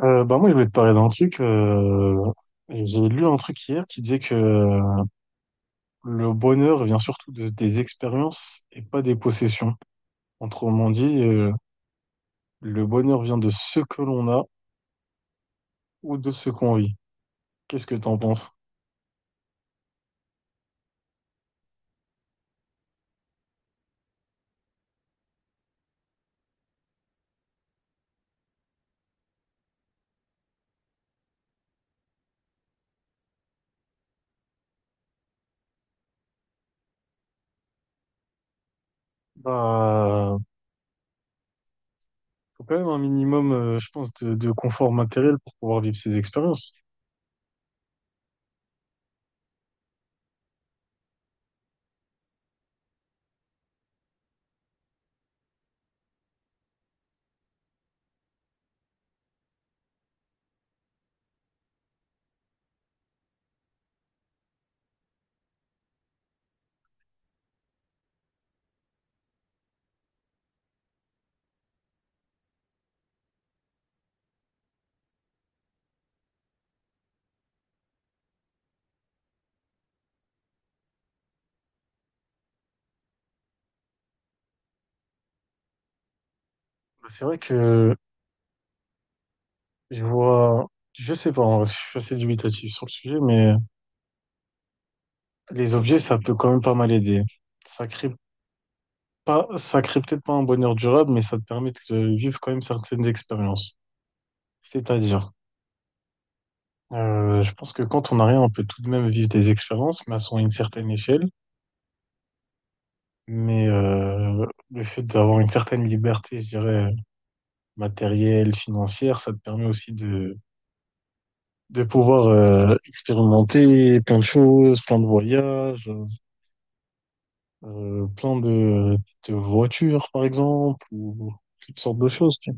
Moi, je voulais te parler d'un truc. J'ai lu un truc hier qui disait que le bonheur vient surtout des expériences et pas des possessions. Autrement dit, le bonheur vient de ce que l'on a ou de ce qu'on vit. Qu'est-ce que t'en penses? Bah, faut quand même un minimum, je pense, de confort matériel pour pouvoir vivre ces expériences. Bah, c'est vrai que je vois, je sais pas, en vrai, je suis assez dubitatif sur le sujet, mais les objets, ça peut quand même pas mal aider. Ça crée Ça crée peut-être pas un bonheur durable, mais ça te permet de vivre quand même certaines expériences. C'est-à-dire, je pense que quand on n'a rien, on peut tout de même vivre des expériences, mais elles sont à une certaine échelle. Mais le fait d'avoir une certaine liberté, je dirais, matérielle, financière, ça te permet aussi de pouvoir expérimenter plein de choses, plein de voyages, euh, plein de, de voitures, par exemple, ou toutes sortes de choses. Tu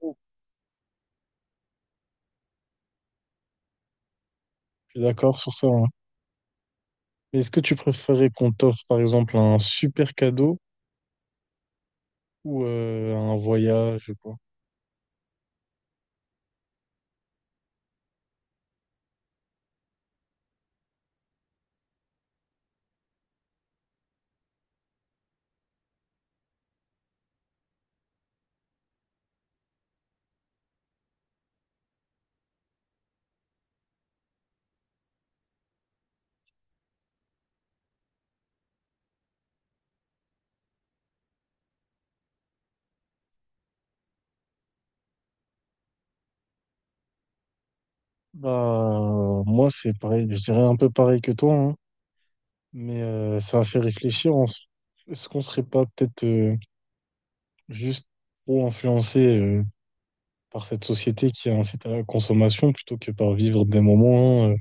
vois. Je suis d'accord sur ça, hein. Mais est-ce que tu préférais qu'on t'offre, par exemple, un super cadeau ou un voyage, je sais pas? Bah, moi, c'est pareil. Je dirais un peu pareil que toi, hein. Mais ça a fait réfléchir. Est-ce qu'on serait pas peut-être juste trop influencé par cette société qui incite à la consommation plutôt que par vivre des moments,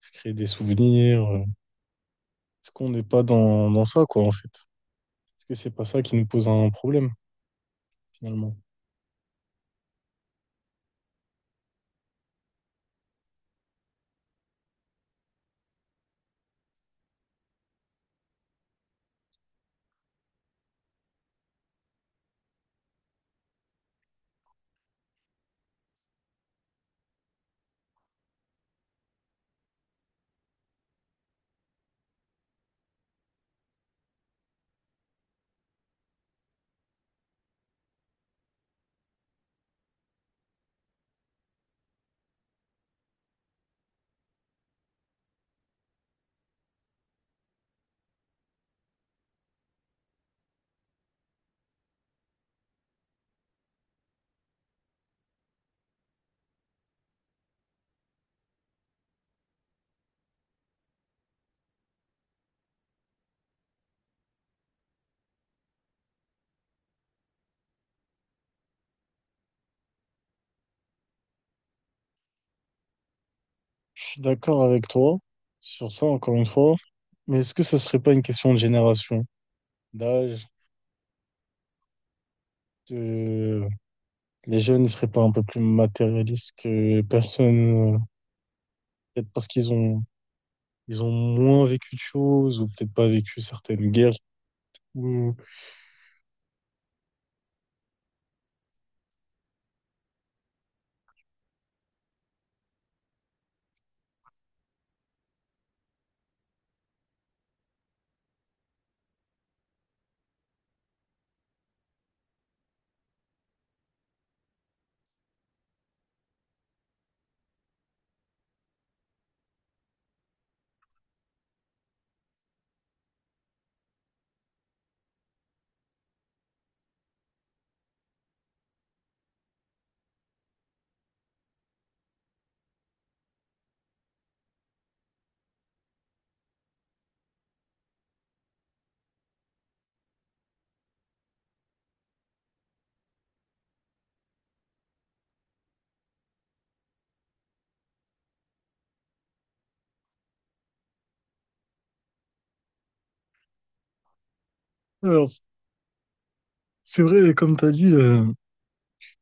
se créer des souvenirs? Est-ce qu'on n'est pas dans ça, quoi, en fait? Est-ce que c'est pas ça qui nous pose un problème, finalement? Je suis d'accord avec toi sur ça, encore une fois. Mais est-ce que ça serait pas une question de génération, d'âge, de... les jeunes ne seraient pas un peu plus matérialistes que personne, peut-être parce qu'ils ont moins vécu de choses ou peut-être pas vécu certaines guerres. ou- Alors, c'est vrai, comme tu as dit,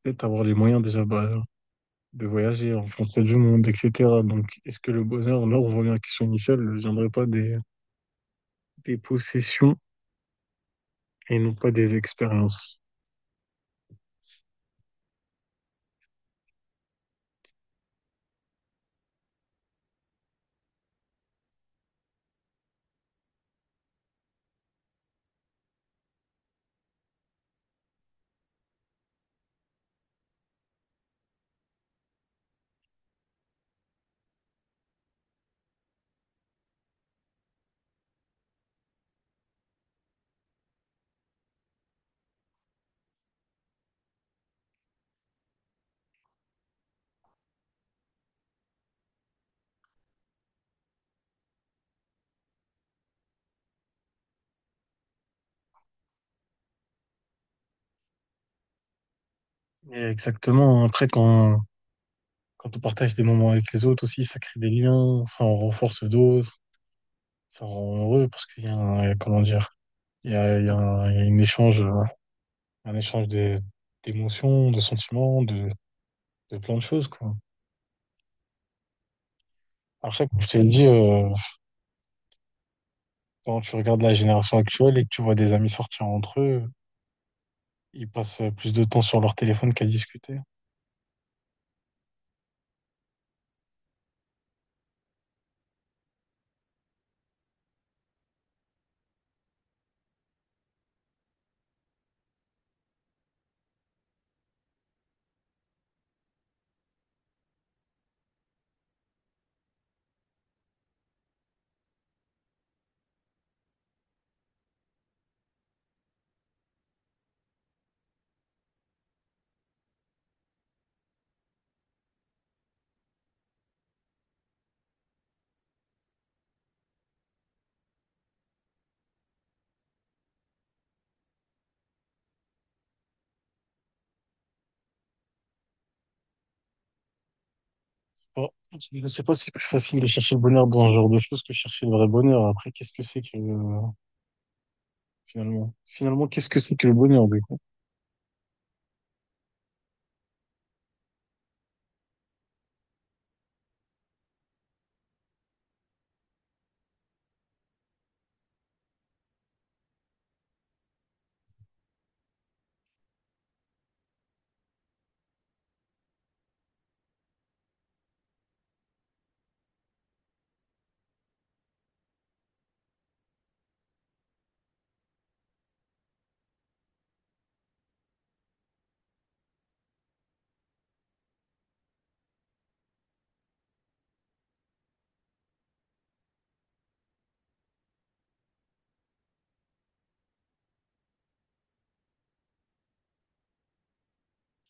peut-être avoir les moyens déjà bah, de voyager, rencontrer du monde, etc. Donc, est-ce que le bonheur, là, on revient à la question initiale, ne viendrait pas des possessions et non pas des expériences? Et exactement. Après, quand on partage des moments avec les autres aussi, ça crée des liens, ça en renforce d'autres, ça rend heureux parce qu'il y a un, comment dire, il y a une échange, un échange des- d'émotions, de sentiments, de plein de choses, quoi. Après, comme je t'ai dit, quand tu regardes la génération actuelle et que tu vois des amis sortir entre eux, ils passent plus de temps sur leur téléphone qu'à discuter. Bon, je sais pas si c'est plus facile de chercher le bonheur dans ce genre de choses que chercher le vrai bonheur. Après, qu'est-ce que c'est que finalement? Finalement, qu'est-ce que c'est que le bonheur du coup?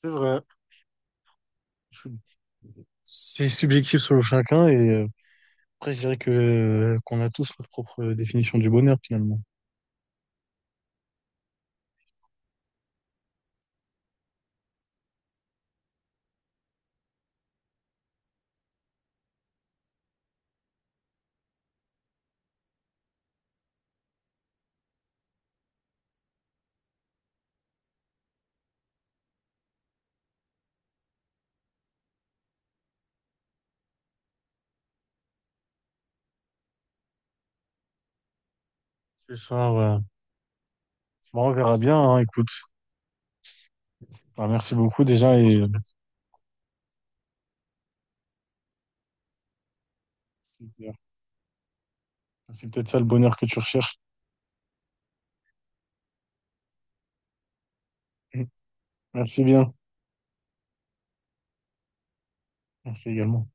C'est vrai. Je- c'est subjectif selon chacun et après, je dirais que qu'on a tous notre propre définition du bonheur finalement. C'est ça, ouais. Bon, on verra bien, hein, écoute. Bah, merci beaucoup déjà et c'est peut-être ça le bonheur que tu recherches. Merci bien. Merci également.